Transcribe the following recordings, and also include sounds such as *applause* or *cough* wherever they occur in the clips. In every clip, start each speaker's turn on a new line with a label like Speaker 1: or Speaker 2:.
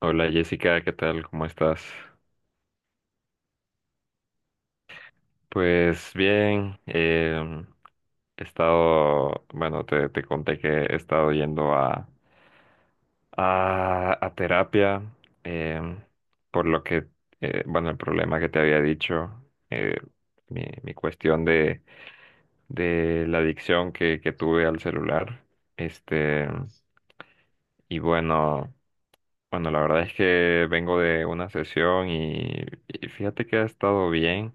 Speaker 1: Hola Jessica, ¿qué tal? ¿Cómo estás? Pues bien, he estado, bueno, te conté que he estado yendo a terapia, em, por lo que, bueno, el problema que te había dicho, eh, mi cuestión de la adicción que tuve al celular. Este, y bueno, bueno, la verdad es que vengo de una sesión y fíjate que ha estado bien.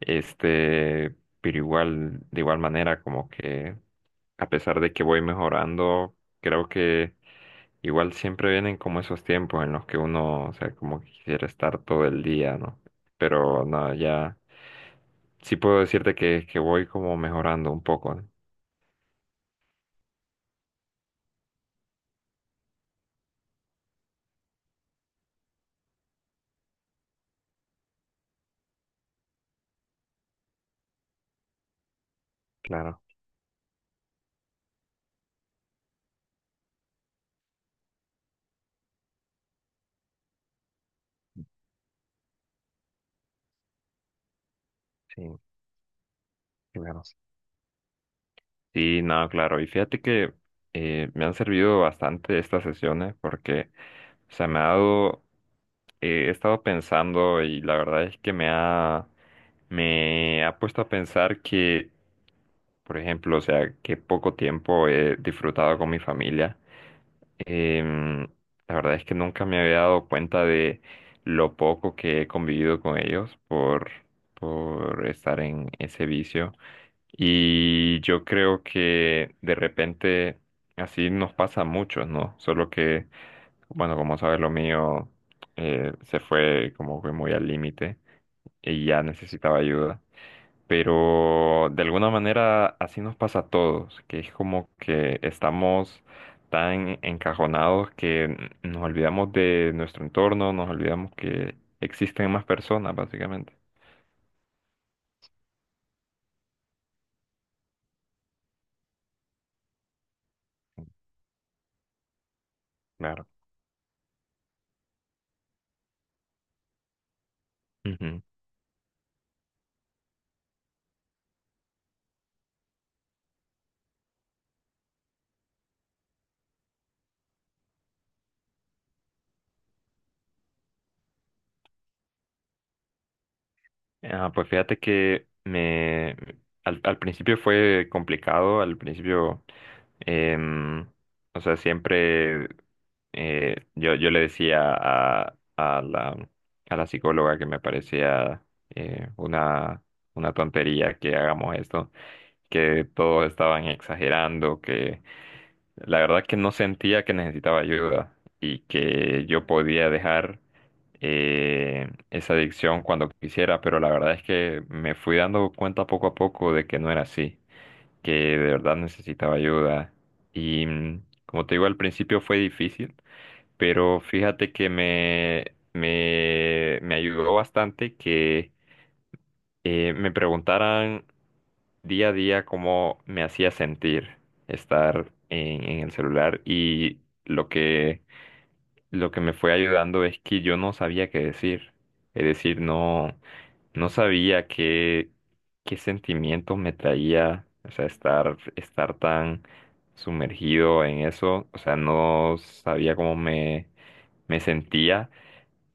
Speaker 1: Este, pero igual, de igual manera, como que a pesar de que voy mejorando, creo que igual siempre vienen como esos tiempos en los que uno, o sea, como que quisiera estar todo el día, ¿no? Pero no, ya sí puedo decirte que voy como mejorando un poco, ¿no? Claro, sí, claro. Sí, no, claro. Y fíjate que me han servido bastante estas sesiones porque, o sea, me ha dado, he estado pensando y la verdad es que me ha puesto a pensar que, por ejemplo, o sea, que poco tiempo he disfrutado con mi familia. Em, la verdad es que nunca me había dado cuenta de lo poco que he convivido con ellos por estar en ese vicio. Y yo creo que de repente así nos pasa a muchos, ¿no? Solo que, bueno, como sabes, lo mío se fue como que muy al límite y ya necesitaba ayuda, pero de alguna manera así nos pasa a todos, que es como que estamos tan encajonados que nos olvidamos de nuestro entorno, nos olvidamos que existen más personas, básicamente. Claro. Ujú. Ah, pues fíjate que al principio fue complicado, al principio, em, o sea, siempre yo le decía a la psicóloga que me parecía eh, una, una tontería que hagamos esto, que todos estaban exagerando, la verdad que no sentía que necesitaba ayuda y que yo podía dejar esa adicción cuando quisiera, pero la verdad es que me fui dando cuenta poco a poco de que no era así, que de verdad necesitaba ayuda. Y como te digo, al principio fue difícil, pero fíjate que me, me ayudó bastante que me preguntaran día a día cómo me hacía sentir estar en el celular y lo que me fue ayudando es que yo no sabía qué decir. Es decir, no, no sabía qué, qué sentimientos me traía, o sea, estar, estar tan sumergido en eso, o sea, no sabía cómo me, me sentía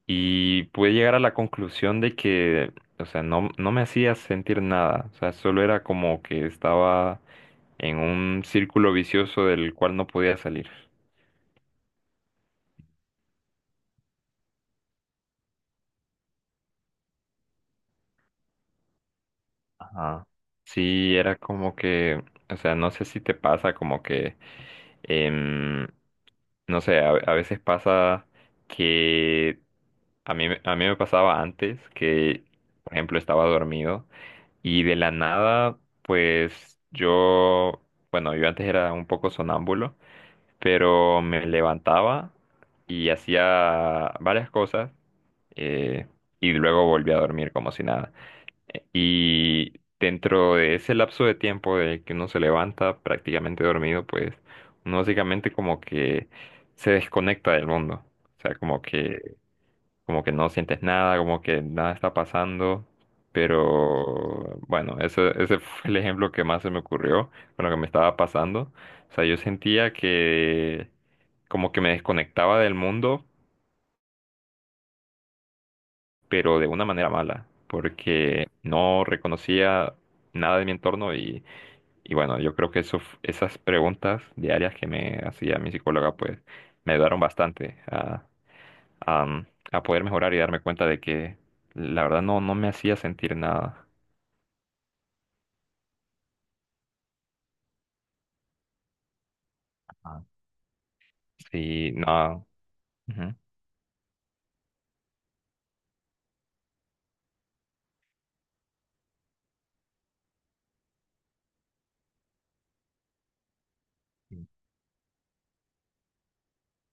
Speaker 1: y pude llegar a la conclusión de que, o sea, no, no me hacía sentir nada, o sea, solo era como que estaba en un círculo vicioso del cual no podía salir. Ajá. Sí, era como que, o sea, no sé si te pasa como que, em, no sé, a veces pasa que a mí me pasaba antes que, por ejemplo, estaba dormido y de la nada, pues yo, bueno, yo antes era un poco sonámbulo, pero me levantaba y hacía varias cosas, eh, y luego volvía a dormir como si nada. Y dentro de ese lapso de tiempo de que uno se levanta prácticamente dormido, pues uno básicamente como que se desconecta del mundo. O sea, como que, no sientes nada, como que nada está pasando. Pero bueno, ese *laughs* fue el ejemplo que más se me ocurrió con lo que me estaba pasando. O sea, yo sentía que como que me desconectaba del mundo, pero de una manera mala, porque no reconocía nada de mi entorno. Y bueno, yo creo que eso, esas preguntas diarias que me hacía mi psicóloga, pues me ayudaron bastante a, mm, a poder mejorar y darme cuenta de que la verdad no, no me hacía sentir nada. Ah, sí, no. Ujú. Sí.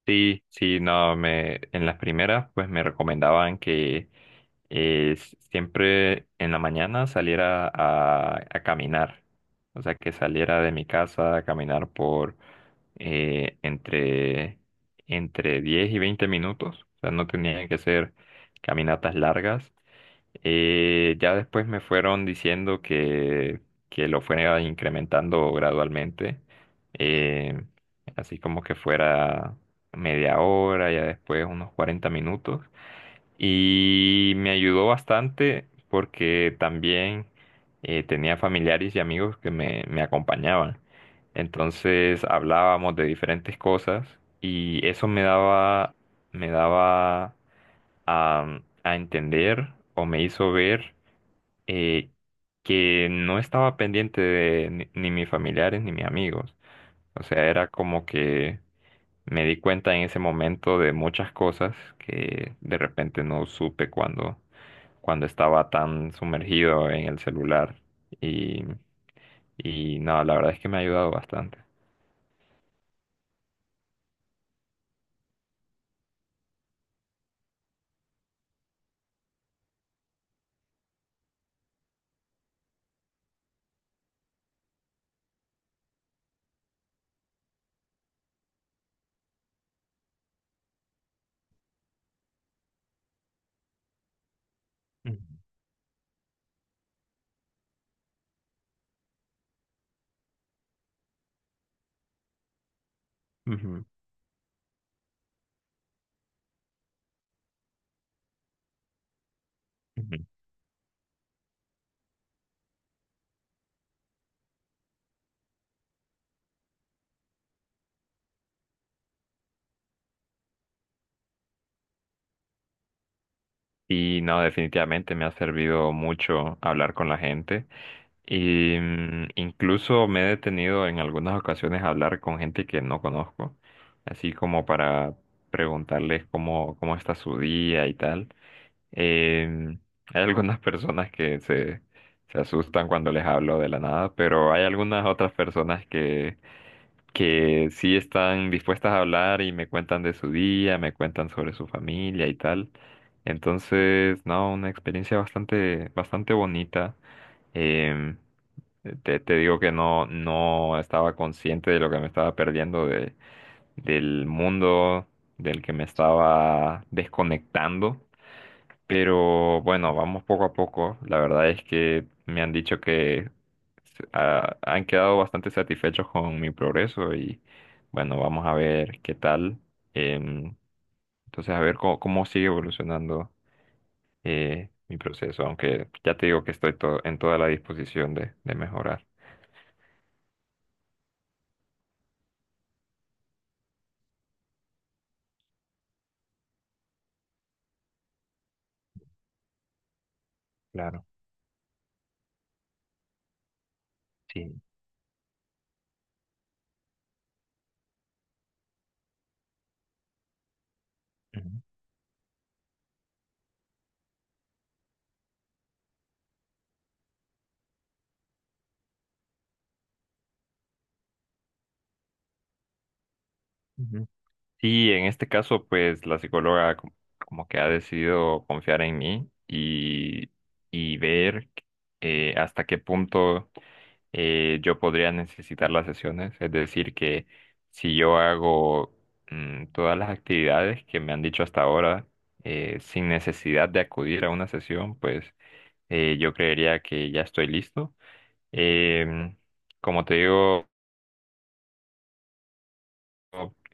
Speaker 1: Sí, sí, no, en las primeras pues me recomendaban que siempre en la mañana saliera a caminar, o sea, que saliera de mi casa a caminar por, eh, entre, entre 10 y 20 minutos, o sea, no tenían que ser caminatas largas. Ya después me fueron diciendo que lo fuera incrementando gradualmente, eh, así como que fuera media hora, ya después unos 40 minutos. Y me ayudó bastante porque también tenía familiares y amigos que me acompañaban. Entonces hablábamos de diferentes cosas y eso me daba a, a entender o me hizo ver eh, que no estaba pendiente de ni mis familiares ni mis amigos. O sea, era como que me di cuenta en ese momento de muchas cosas que de repente no supe cuando cuando estaba tan sumergido en el celular. Y, y no, la verdad es que me ha ayudado bastante. Ujú, ujú, ujú. Y no, definitivamente me ha servido mucho hablar con la gente. Y incluso me he detenido en algunas ocasiones a hablar con gente que no conozco, así como para preguntarles cómo, cómo está su día y tal. Eh, Hay algunas personas que se asustan cuando les hablo de la nada, pero hay algunas otras personas que sí están dispuestas a hablar y me cuentan de su día, me cuentan sobre su familia y tal. Entonces, no, una experiencia bastante, bastante bonita. Em, te digo que no, no estaba consciente de lo que me estaba perdiendo de, del mundo del que me estaba desconectando. Pero bueno, vamos poco a poco. La verdad es que me han dicho que han quedado bastante satisfechos con mi progreso y bueno, vamos a ver qué tal. Em, entonces, a ver cómo, cómo sigue evolucionando mi proceso, aunque ya te digo que estoy en toda la disposición de mejorar. Claro, sí. Ujú, ujú. Sí, en este caso, pues la psicóloga como que ha decidido confiar en mí y ver hasta qué punto yo podría necesitar las sesiones. Es decir, que si yo hago todas las actividades que me han dicho hasta ahora, sin necesidad de acudir a una sesión, pues yo creería que ya estoy listo. Em, Como te digo,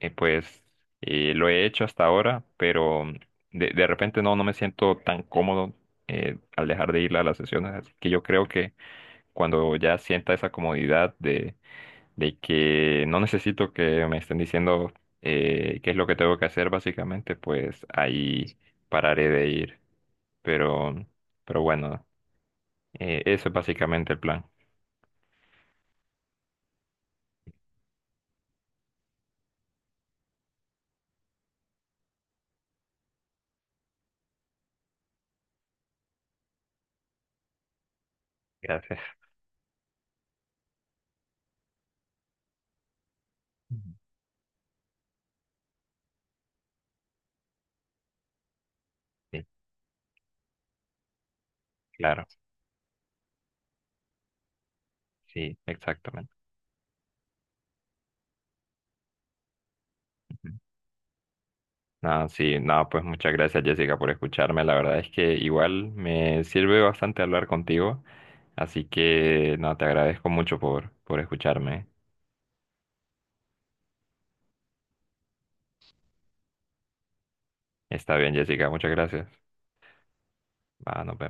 Speaker 1: pues lo he hecho hasta ahora, pero de repente no, no me siento tan cómodo al dejar de ir a las sesiones. Así que yo creo que cuando ya sienta esa comodidad de que no necesito que me estén diciendo qué es lo que tengo que hacer, básicamente, pues ahí pararé de ir. Pero, mm, pero bueno, eso es básicamente el plan. Gracias. Ujú. Sí, claro, sí, exactamente. No, sí, nada, pues muchas gracias, Jessica, por escucharme. La verdad es que igual me sirve bastante hablar contigo. Así que no, te agradezco mucho por escucharme. Está bien, Jessica, muchas gracias. Va, nos vemos.